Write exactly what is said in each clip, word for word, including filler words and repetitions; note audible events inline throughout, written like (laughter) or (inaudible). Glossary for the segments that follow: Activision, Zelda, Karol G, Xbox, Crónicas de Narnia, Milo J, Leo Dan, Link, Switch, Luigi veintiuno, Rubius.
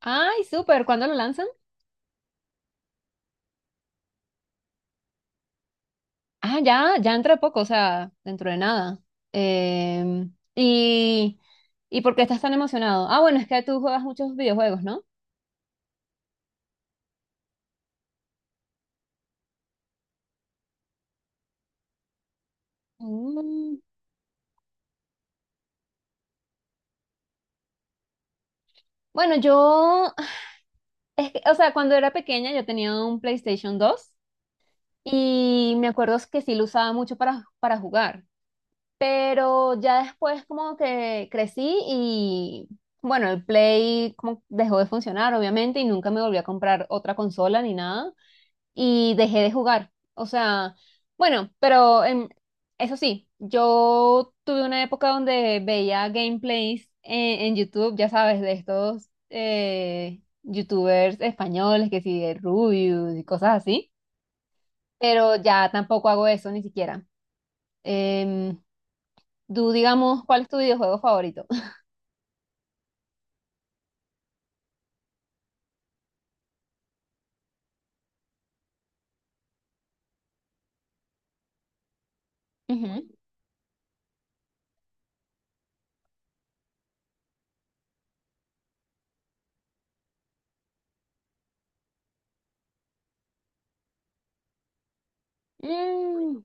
Ay, súper. ¿Cuándo lo lanzan? Ah, ya, ya dentro de poco, o sea, dentro de nada. Em, y, ¿y por qué estás tan emocionado? Ah, bueno, es que tú juegas muchos videojuegos, ¿no? Mm, Bueno, yo, (laughs) es que, o sea, cuando era pequeña yo tenía un PlayStation dos y me acuerdo que sí lo usaba mucho para, para, jugar, pero ya después como que crecí y, bueno, el Play como dejó de funcionar, obviamente, y nunca me volví a comprar otra consola ni nada. y dejé de jugar. O sea, bueno, pero em, eso sí, yo tuve una época donde veía gameplays en, en YouTube, ya sabes, de estos eh, YouTubers españoles que sí, de Rubius y cosas así, pero ya tampoco hago eso ni siquiera. Em, Tú, digamos, ¿cuál es tu videojuego favorito? Ujú. Mm,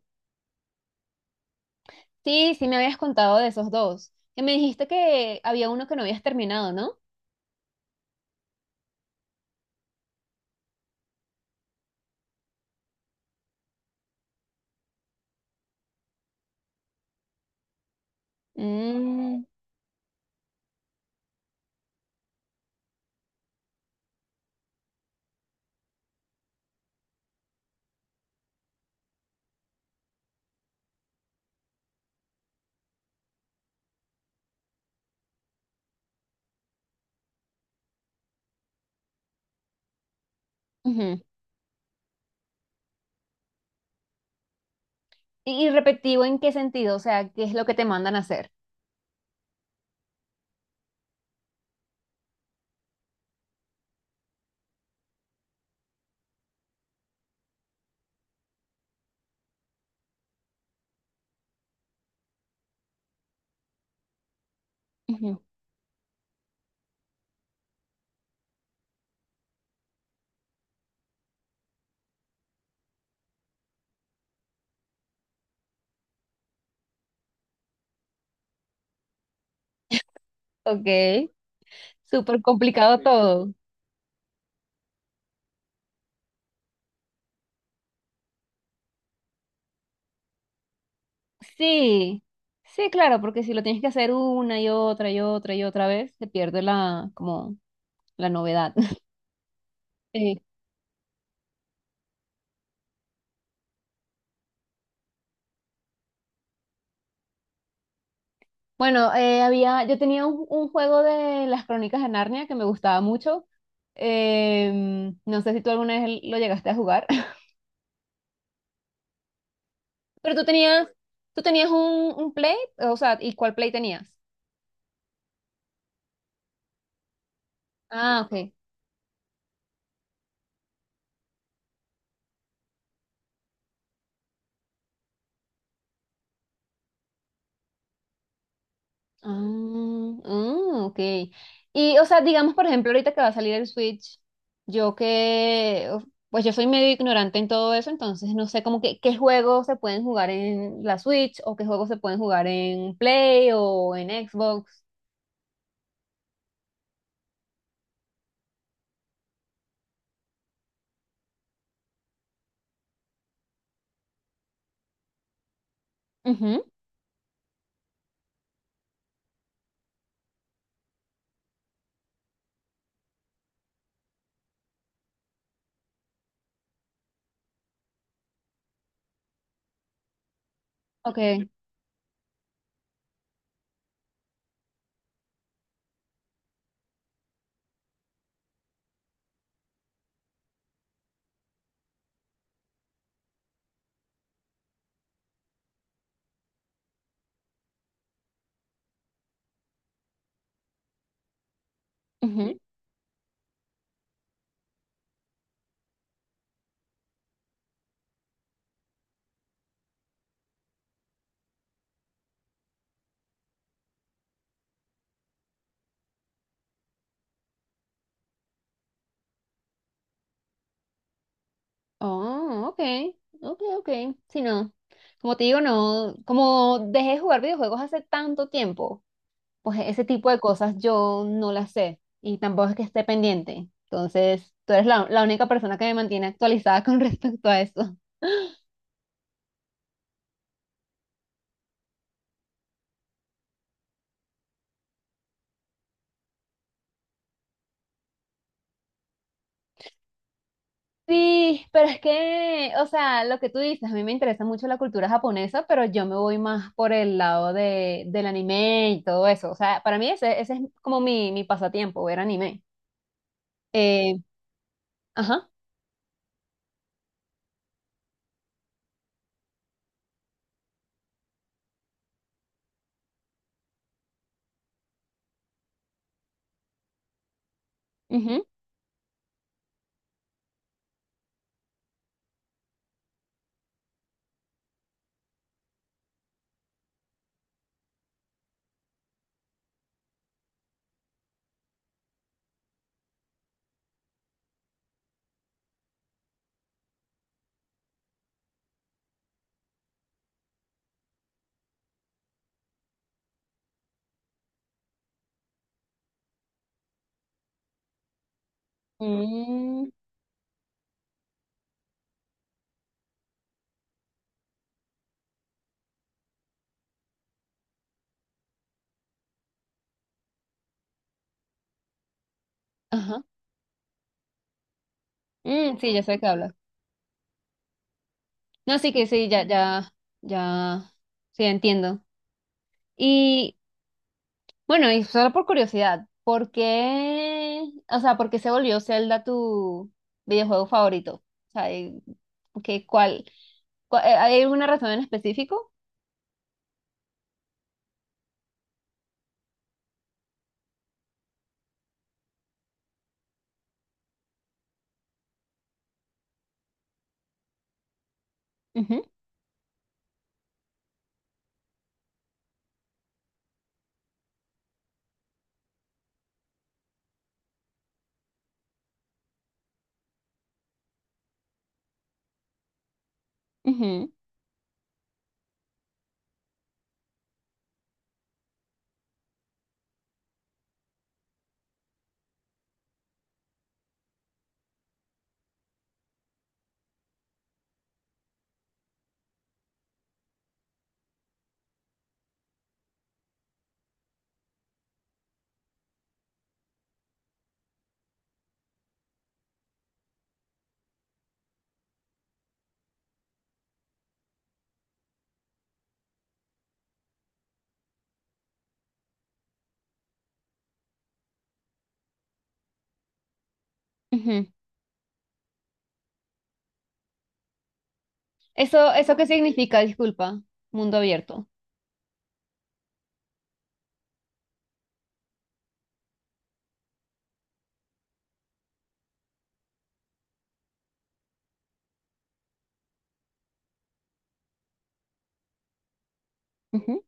sí, sí me habías contado de esos dos. Que me dijiste que había uno que no habías terminado, ¿no? Mm, ujú. Y y repetitivo en qué sentido, o sea, ¿qué es lo que te mandan a hacer? Ujú. Ok, súper complicado todo. Sí, sí, claro, porque si lo tienes que hacer una y otra y otra y otra vez, se pierde la, como, la novedad. (laughs) Sí. Bueno, eh, había, yo tenía un, un, juego de las Crónicas de Narnia que me gustaba mucho. Em, no sé si tú alguna vez lo llegaste a jugar, (laughs) pero tú tenías, tú tenías un, un Play, o sea, ¿y cuál Play tenías? Ah, ok. Ah, mm, ok. Y, o sea, digamos, por ejemplo, ahorita que va a salir el Switch, yo que, uf, pues yo soy medio ignorante en todo eso, entonces no sé como que qué juegos se pueden jugar en la Switch o qué juegos se pueden jugar en Play o en Xbox. Ujú, ok. ujú. Oh, ok. Ok, ok. Sí, no. Como te digo, no, como dejé de jugar videojuegos hace tanto tiempo pues ese tipo de cosas yo no las sé y tampoco es que esté pendiente. Entonces, tú eres la, la, única persona que me mantiene actualizada (laughs) con respecto a eso. Sí, pero es que, o sea, lo que tú dices, a mí me interesa mucho la cultura japonesa, pero yo me voy más por el lado de, del anime y todo eso. O sea, para mí ese, ese, es como mi, mi pasatiempo, ver anime. Eh, ajá, ujú, mm, ajá, mm, sí, ya sé de qué hablas. No, sí que sí, ya, ya, ya, sí, entiendo. y Bueno, y solo por curiosidad, ¿por qué, o sea, por qué se volvió Zelda tu videojuego favorito? O sea, y- ¿qué, cuál, cua- eh, ¿hay alguna razón en específico? Ujú, ujú, ujú. ¿Eso, eso qué significa? Disculpa, mundo abierto. Ujú,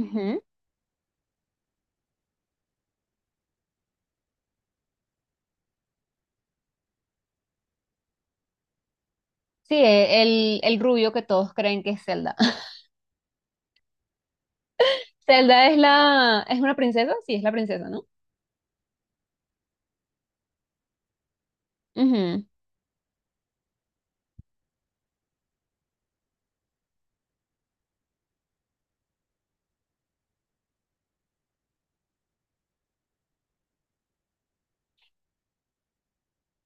ujú. Sí, eh, el, el rubio que todos creen que es Zelda. (laughs) Zelda es la, es una princesa, sí, es la princesa, ¿no? Ujú.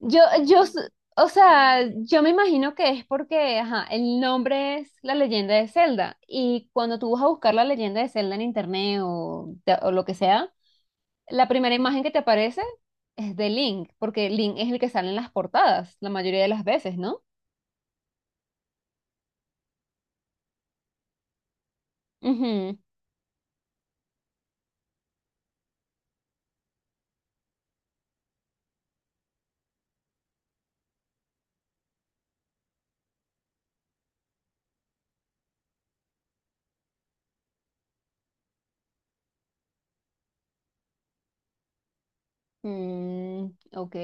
Yo, yo, s- o sea, yo me imagino que es porque, ajá, el nombre es La Leyenda de Zelda y cuando tú vas a buscar La Leyenda de Zelda en internet o, te- o lo que sea, la primera imagen que te aparece es de Link, porque Link es el que sale en las portadas la mayoría de las veces, ¿no? Ujú. Mm, ok.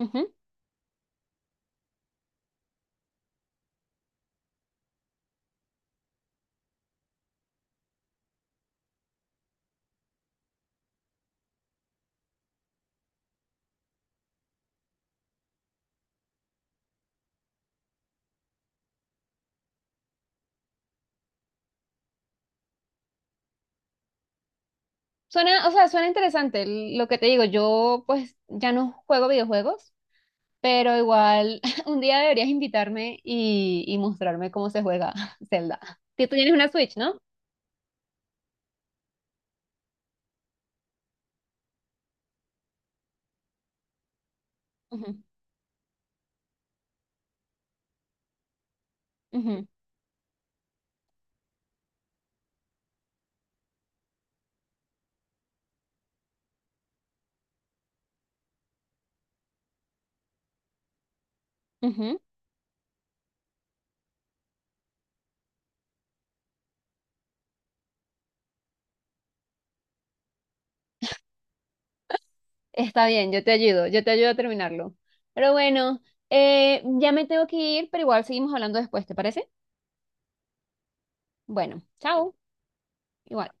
Ujú. Suena, o sea, suena interesante. L- Lo que te digo, yo pues ya no juego videojuegos, Pero igual, (laughs) un día deberías invitarme y, y mostrarme cómo se juega (laughs) Zelda. Tú tú tienes una Switch, ¿no? Ujú, ujú, ujú. Está bien, yo te ayudo, yo te ayudo a terminarlo. Pero bueno, eh, ya me tengo que ir, pero igual seguimos hablando después, ¿te parece? Bueno, chao. Igual.